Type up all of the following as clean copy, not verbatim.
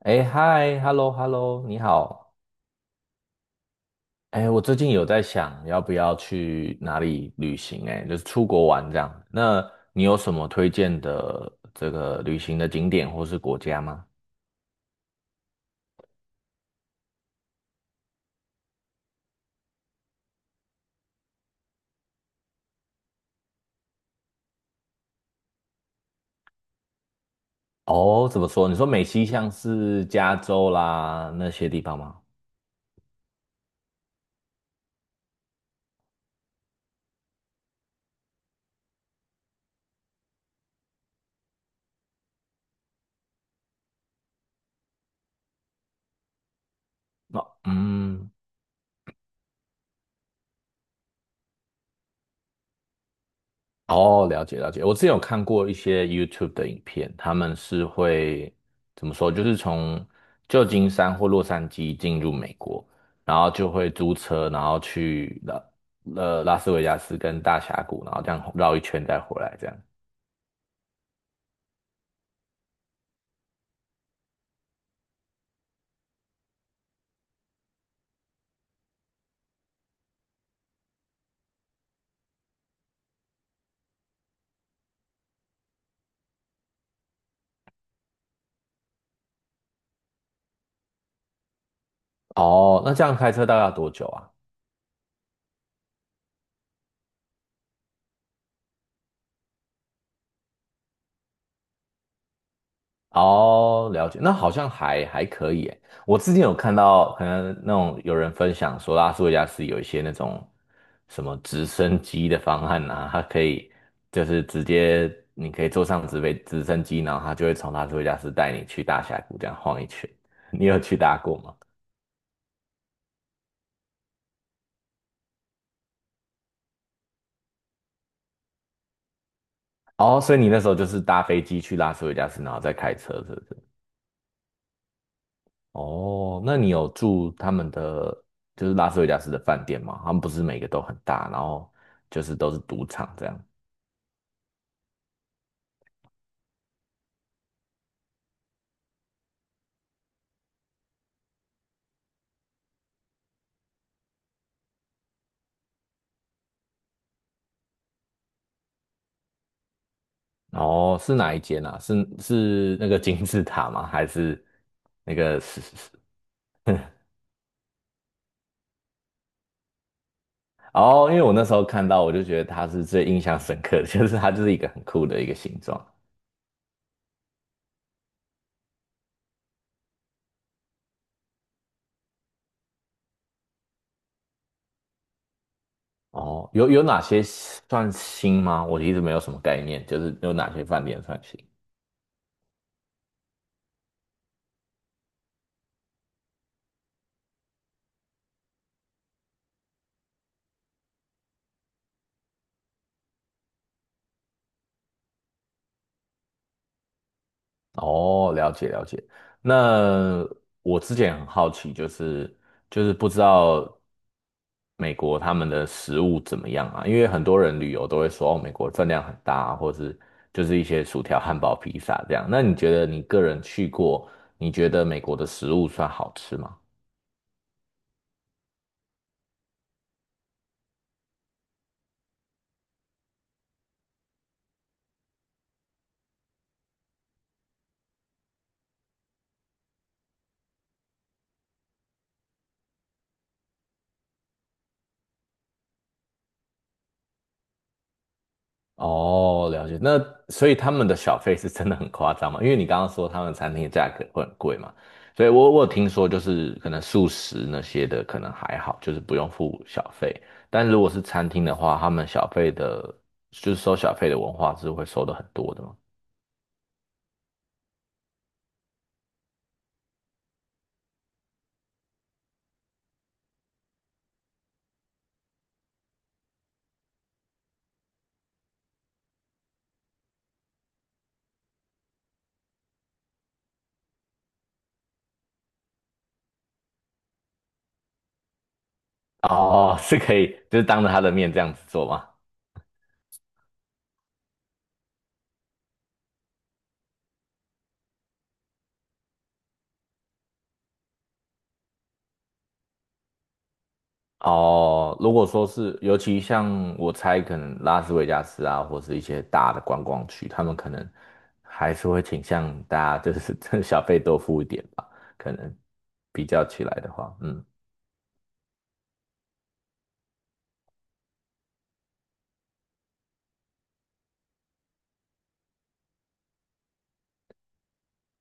哎，嗨，hello，hello，你好。哎，我最近有在想要不要去哪里旅行，哎，就是出国玩这样。那你有什么推荐的这个旅行的景点或是国家吗？哦，怎么说？你说美西像是加州啦那些地方吗？那、嗯，哦，了解了解。我之前有看过一些 YouTube 的影片，他们是会怎么说？就是从旧金山或洛杉矶进入美国，然后就会租车，然后去拉斯维加斯跟大峡谷，然后这样绕一圈再回来这样。哦，那这样开车大概要多久啊？哦，了解，那好像还可以诶。我之前有看到，可能那种有人分享说，拉斯维加斯有一些那种什么直升机的方案啊，它可以就是直接你可以坐上直升机，然后它就会从拉斯维加斯带你去大峡谷这样晃一圈。你有去搭过吗？哦，所以你那时候就是搭飞机去拉斯维加斯，然后再开车，是不是？哦，那你有住他们的就是拉斯维加斯的饭店吗？他们不是每个都很大，然后就是都是赌场这样。哦，是哪一间啊？是那个金字塔吗？还是那个是是是？哦，因为我那时候看到，我就觉得它是最印象深刻的，就是它就是一个很酷的一个形状。哦，有哪些算新吗？我一直没有什么概念，就是有哪些饭店算新。哦，了解了解。那我之前很好奇，就是不知道美国他们的食物怎么样啊？因为很多人旅游都会说，哦，美国分量很大啊，或是就是一些薯条、汉堡、披萨这样。那你觉得你个人去过，你觉得美国的食物算好吃吗？哦，了解。那所以他们的小费是真的很夸张嘛？因为你刚刚说他们餐厅的价格会很贵嘛，所以我有听说就是可能素食那些的可能还好，就是不用付小费。但如果是餐厅的话，他们小费的，就是收小费的文化是会收的很多的嘛。哦，是可以，就是当着他的面这样子做吗？哦，如果说是，尤其像我猜，可能拉斯维加斯啊，或是一些大的观光区，他们可能还是会倾向大家就是 真的小费多付一点吧，可能比较起来的话，嗯。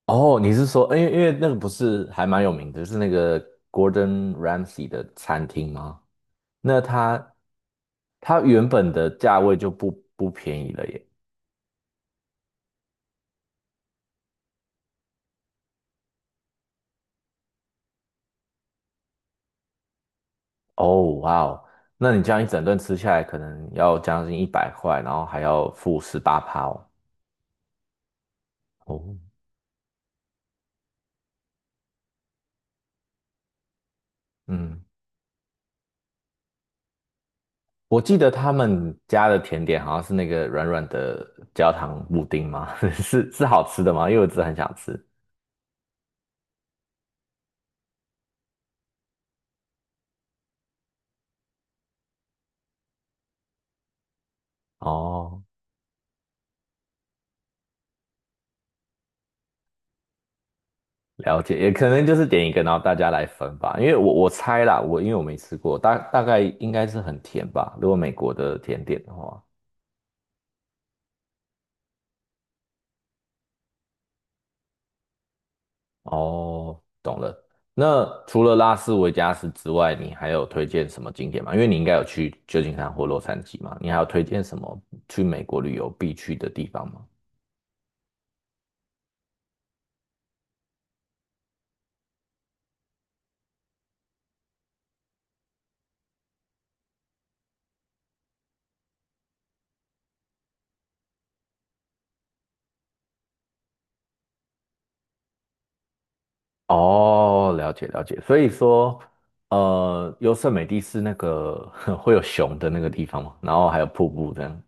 哦，你是说，因为那个不是还蛮有名的，就是那个 Gordon Ramsay 的餐厅吗？那它原本的价位就不便宜了耶。哦，哇哦，那你这样一整顿吃下来，可能要将近100块，然后还要付18趴哦。哦，嗯，我记得他们家的甜点好像是那个软软的焦糖布丁吗？是好吃的吗？因为我真的很想吃。哦，了解，也可能就是点一个，然后大家来分吧。因为我猜啦，我因为我没吃过，大概应该是很甜吧，如果美国的甜点的话。哦，懂了。那除了拉斯维加斯之外，你还有推荐什么景点吗？因为你应该有去旧金山或洛杉矶嘛，你还有推荐什么去美国旅游必去的地方吗？哦，了解了解。所以说，优胜美地是那个 会有熊的那个地方嘛，然后还有瀑布这样。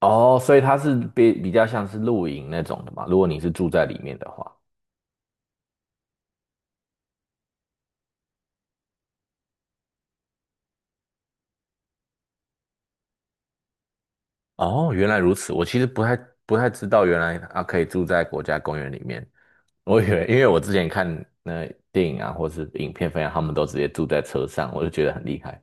哦，所以它是比较像是露营那种的嘛，如果你是住在里面的话。哦，原来如此。我其实不太知道，原来啊可以住在国家公园里面。我以为，因为我之前看那电影啊，或是影片分享，他们都直接住在车上，我就觉得很厉害。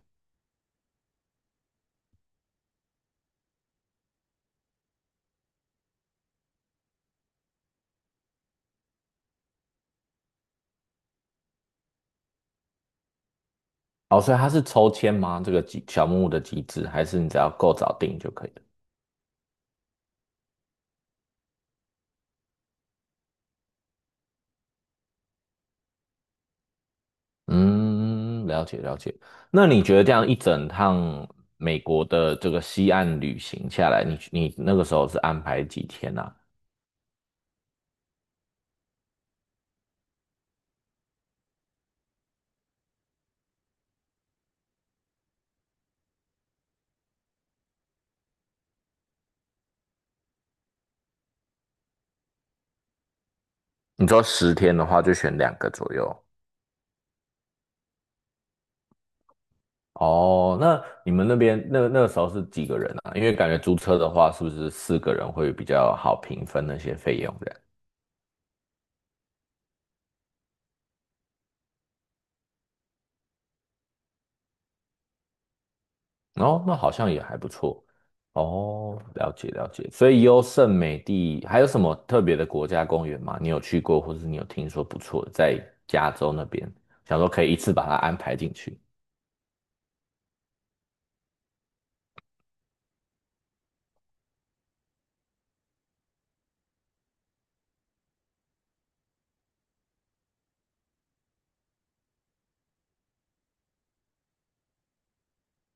哦，所以它是抽签吗？这个小木屋的机制，还是你只要够早订就可以了？嗯，了解了解。那你觉得这样一整趟美国的这个西岸旅行下来，你那个时候是安排几天啊？你说10天的话，就选两个左右。哦，那你们那边那个时候是几个人啊？因为感觉租车的话，是不是四个人会比较好平分那些费用这样？哦，那好像也还不错。哦，了解了解。所以优胜美地还有什么特别的国家公园吗？你有去过，或者是你有听说不错的，在加州那边，想说可以一次把它安排进去。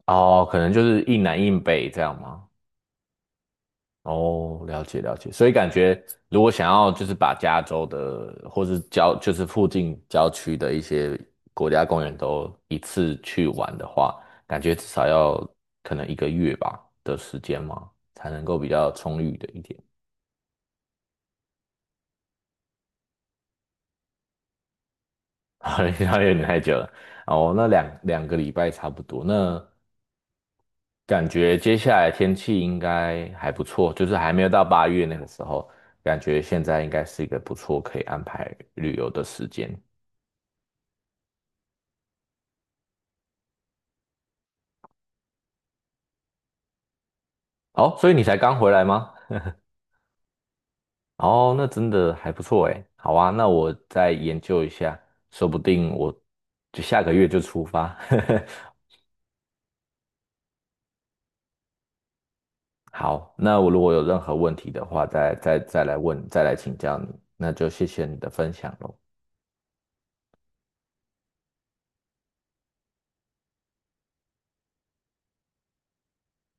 哦，可能就是一南一北这样吗？哦，了解了解，所以感觉如果想要就是把加州的或是就是附近郊区的一些国家公园都一次去玩的话，感觉至少要可能一个月吧的时间嘛，才能够比较充裕的一点。好像有点太久了哦，那两个礼拜差不多。那感觉接下来天气应该还不错，就是还没有到8月那个时候，感觉现在应该是一个不错可以安排旅游的时间。哦，所以你才刚回来吗？哦，那真的还不错诶。好啊，那我再研究一下，说不定我就下个月就出发。好，那我如果有任何问题的话，再来问，再来请教你。那就谢谢你的分享喽。